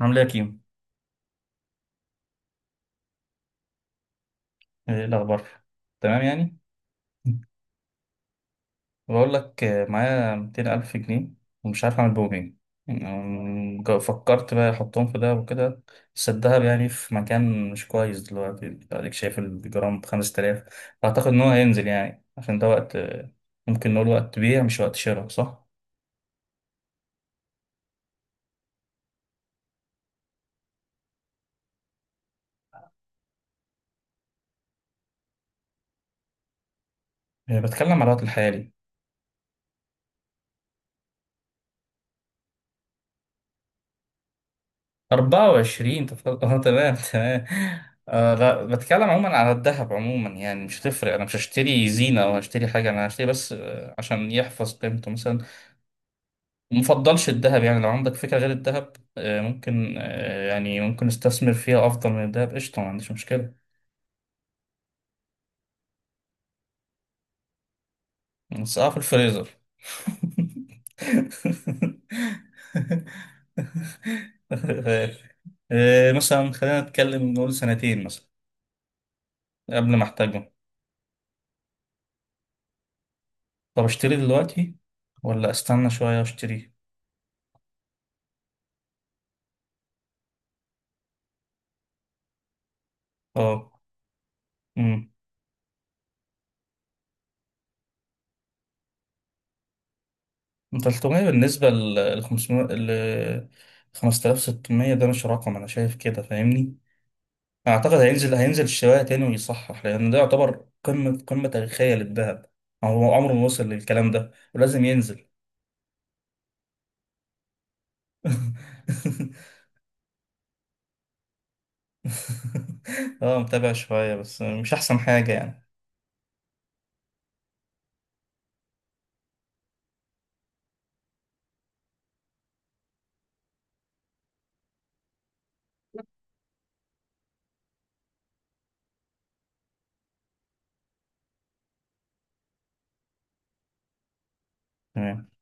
عامل ايه يا كيمو؟ ايه الأخبار؟ تمام يعني؟ بقول لك معايا 200 ألف جنيه، ومش عارف أعمل بهم إيه. فكرت بقى أحطهم في دهب وكده. بس الدهب يعني في مكان مش كويس دلوقتي، أديك شايف الجرام بخمس تلاف. أعتقد إن هو هينزل، يعني عشان ده وقت، ممكن نقول وقت بيع مش وقت شراء، صح؟ بتكلم على الوقت الحالي. 24، تفضل. اه، تمام تمام. آه لا، بتكلم عموما على الذهب عموما، يعني مش هتفرق. انا مش هشتري زينة او هشتري حاجة، انا هشتري بس عشان يحفظ قيمته مثلا. مفضلش الذهب يعني، لو عندك فكرة غير الذهب، آه ممكن، آه يعني ممكن استثمر فيها افضل من الذهب، قشطة، ما عنديش مشكلة. بس اه، في الفريزر. مثلا خلينا نتكلم نقول سنتين مثلا، قبل ما احتاجهم. طب اشتري دلوقتي، ولا استنى شوية واشتري؟ اه. امم. 300 بالنسبة لل 500، ل 5600، ده مش رقم انا شايف كده، فاهمني؟ اعتقد هينزل الشوية تاني ويصحح، لان ده يعتبر قمة تاريخية للذهب. هو عمره ما وصل للكلام ده، ولازم ينزل. اه، متابع شوية بس مش احسن حاجة يعني. تمام.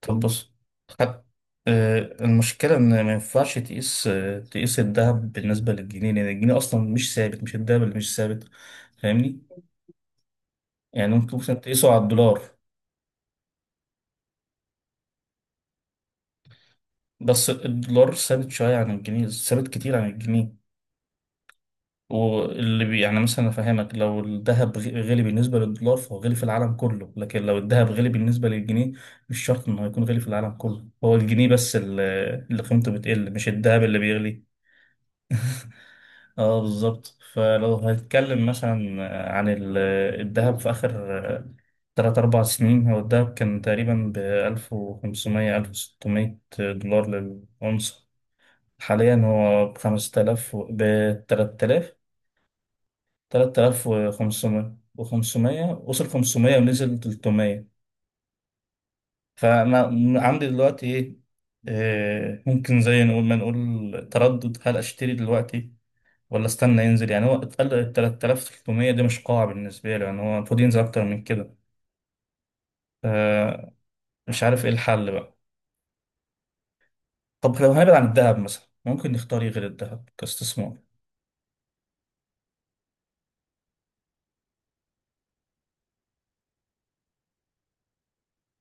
طب بص، خد. آه، المشكلة إن ما ينفعش تقيس تقيس الذهب بالنسبة للجنيه، لأن الجنيه أصلا مش ثابت، مش الذهب اللي مش ثابت. فاهمني؟ يعني ممكن مثلا تقيسه على الدولار. بس الدولار ثابت شوية عن الجنيه، ثابت كتير عن الجنيه. واللي بي يعني مثلا أفهمك، لو الذهب غلي بالنسبة للدولار، فهو غلي في العالم كله. لكن لو الذهب غلي بالنسبة للجنيه، مش شرط إنه هيكون غلي في العالم كله. هو الجنيه بس اللي قيمته بتقل، مش الذهب اللي بيغلي. اه، بالظبط. فلو هنتكلم مثلا عن ال- الذهب في آخر تلات أربع سنين، هو الذهب كان تقريبا بألف وخمسمية، 1600 دولار للأونصة. حاليا هو بخمسة آلاف، بتلات آلاف. 3500، وخمسمية، وصل خمسمية ونزل تلتمية. فأنا عندي دلوقتي إيه؟ ممكن زي نقول ما نقول تردد، هل أشتري دلوقتي ولا استنى ينزل؟ يعني هو اتقل، ال 3300 دي مش قاعة بالنسبة له، يعني هو المفروض ينزل أكتر من كده. آه، مش عارف إيه الحل بقى. طب لو هنبعد عن الذهب مثلا، ممكن نختار إيه غير الذهب كاستثمار؟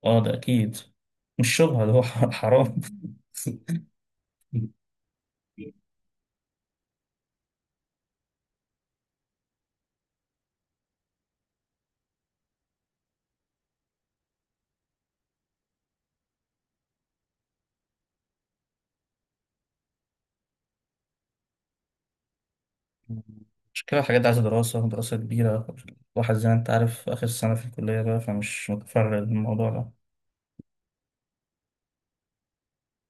أه، ده أكيد. مش شبهة، ده هو حرام. مش كده، الحاجات دي عايزة دراسة كبيرة. الواحد زي ما أنت عارف آخر سنة في الكلية بقى، فمش متفرغ للموضوع ده.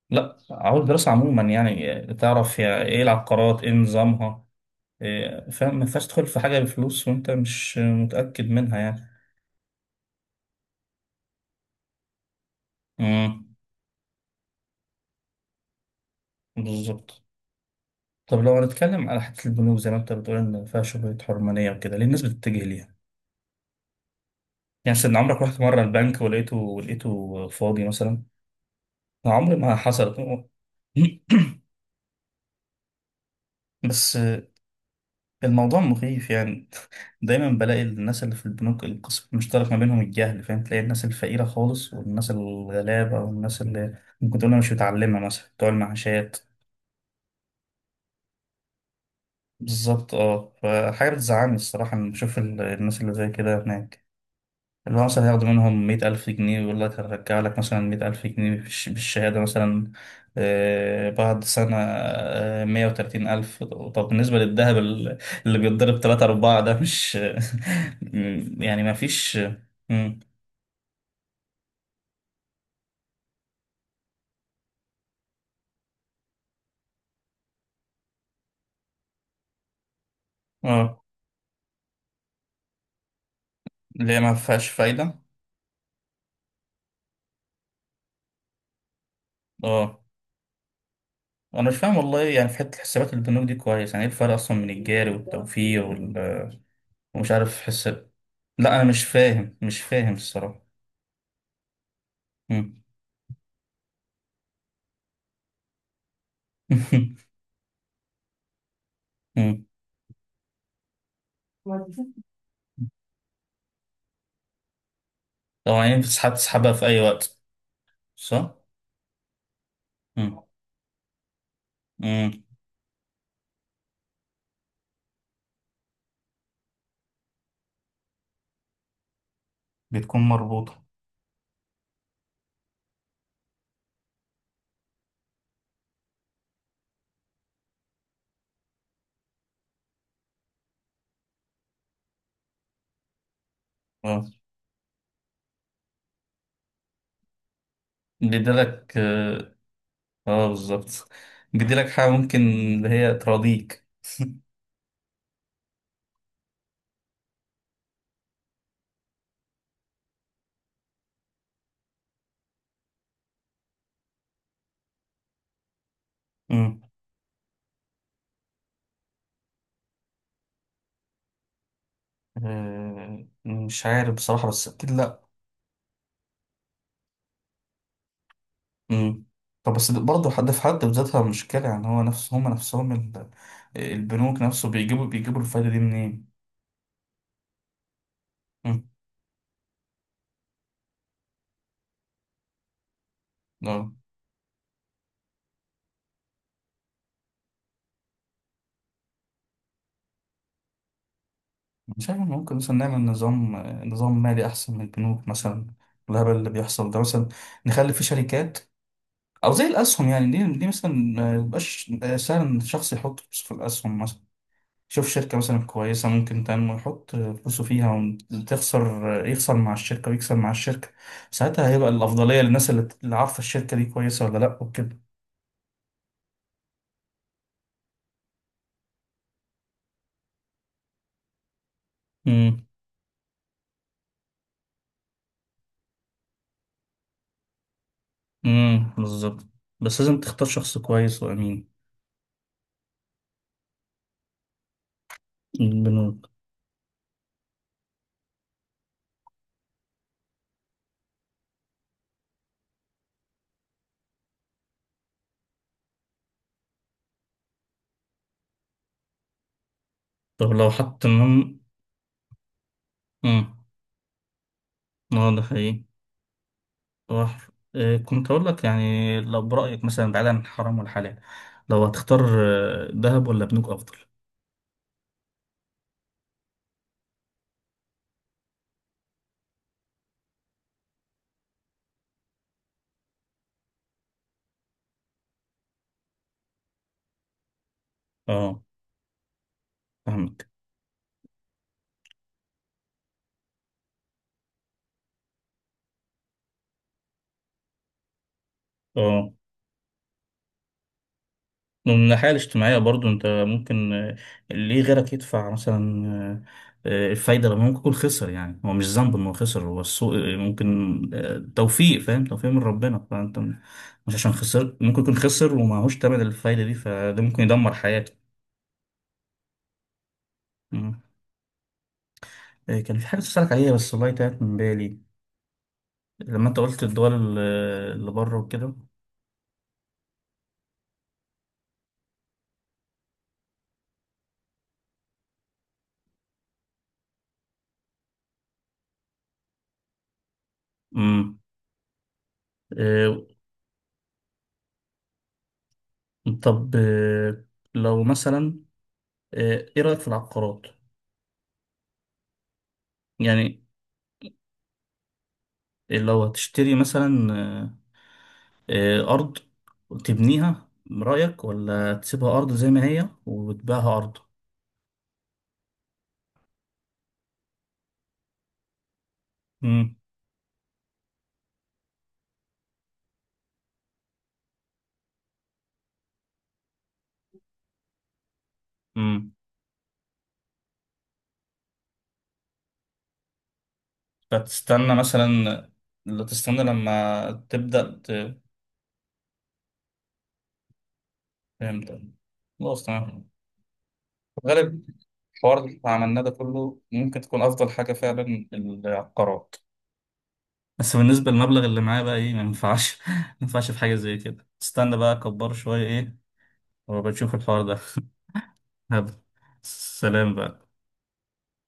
لا، عاوز دراسة عموما، يعني تعرف يا إيه العقارات، إيه نظامها. إيه، فاهم، ما ينفعش تدخل في حاجة بفلوس وأنت مش متأكد منها يعني. امم. بالظبط. طب لو هنتكلم على حتة البنوك، زي ما أنت بتقول إن فيها شبهة حرمانية وكده، ليه الناس بتتجه ليها؟ يعني مثلا، عمرك رحت مرة البنك ولقيته فاضي مثلا؟ أنا عمري ما حصلت. بس الموضوع مخيف يعني. دايما بلاقي الناس اللي في البنوك، القسم المشترك ما بينهم الجهل، فاهم، تلاقي الناس الفقيرة خالص والناس الغلابة والناس اللي ممكن تقول أنا مش متعلمة مثلا، بتوع المعاشات. بالظبط، اه. فحاجة بتزعلني الصراحة إن بشوف الناس اللي زي كده هناك، اللي هو مثلا هياخدوا منهم 100 ألف جنيه ويقول لك هرجع لك مثلا 100 ألف جنيه بالشهادة مثلا. بعد سنة 130 ألف. طب بالنسبة للذهب اللي بيتضرب تلاتة أربعة، ده مش يعني ما فيش. مم. اه، اللي هي ما فيهاش فايدة. اه، أنا مش فاهم والله، يعني في حتة حسابات البنوك دي كويس، يعني إيه الفرق أصلا من الجاري والتوفير؟ ومش عارف حس. لا انا مش فاهم، مش فاهم الصراحه. مم. مم. طبعا ينفع تسحبها في اي وقت. صح. مم. مم. بتكون مربوطه. اه. بيديلك اه. بالظبط. بيديلك حاجه ممكن، اللي هي تراضيك. مم. مش عارف بصراحه، بس اكيد لا. مم. طب بس برضه حد في حد بذاتها مشكله، يعني هو نفس، هم نفسهم البنوك نفسه بيجيبوا الفايده دي منين؟ مم. اه. مش عارف، ممكن مثلا نعمل نظام مالي أحسن من البنوك مثلا، الهبل اللي بيحصل ده مثلا. نخلي فيه شركات، أو زي الأسهم يعني. دي مثلا، ما يبقاش سهل إن الشخص يحط فلوس في الأسهم مثلا. شوف شركة مثلا كويسة ممكن تنمو، يحط فلوسه فيها، وتخسر يخسر مع الشركة ويكسب مع الشركة. ساعتها هيبقى الأفضلية للناس اللي عارفة الشركة دي كويسة ولا لأ وكده. امم. امم، بالظبط. بس لازم تختار شخص كويس وأمين. البنوك. طب لو حط إنهم. مم. اه، ده حقيقي. هو كنت أقول لك، يعني لو برأيك مثلا، بعيدا عن الحرام والحلال، لو هتختار دهب ولا بنوك أفضل؟ اه، فاهمك. اه. ومن الناحية الاجتماعية برضو أنت ممكن، ليه غيرك يدفع مثلا الفايدة، لما ممكن يكون خسر؟ يعني هو مش ذنب إن هو خسر، هو السوق ممكن توفيق، فاهم، توفيق من ربنا. فأنت مش عشان خسر، ممكن يكون خسر ومعهوش تمن الفايدة دي، فده ممكن يدمر حياته. مم. كان في حاجة تسألك عليها بس والله تاهت من بالي، لما انت قلت الدول اللي بره وكده. امم. إيه. طب إيه، لو مثلا إيه، إيه رأيك في العقارات؟ يعني لو هتشتري مثلا، إيه، إيه، أرض تبنيها رأيك، ولا تسيبها أرض زي ما هي وتبيعها أرض؟ امم. امم. فتستنى مثلا. لا، تستنى لما تبدأ فهمت. خلاص، تمام. في الغالب، الحوار اللي عملناه ده كله، ممكن تكون أفضل حاجة فعلا العقارات. بس بالنسبة للمبلغ اللي معايا بقى ايه، ما ينفعش ما ينفعش في حاجة زي كده. استنى بقى اكبر شوية ايه، وبشوف الحوار ده. هبقى. سلام بقى.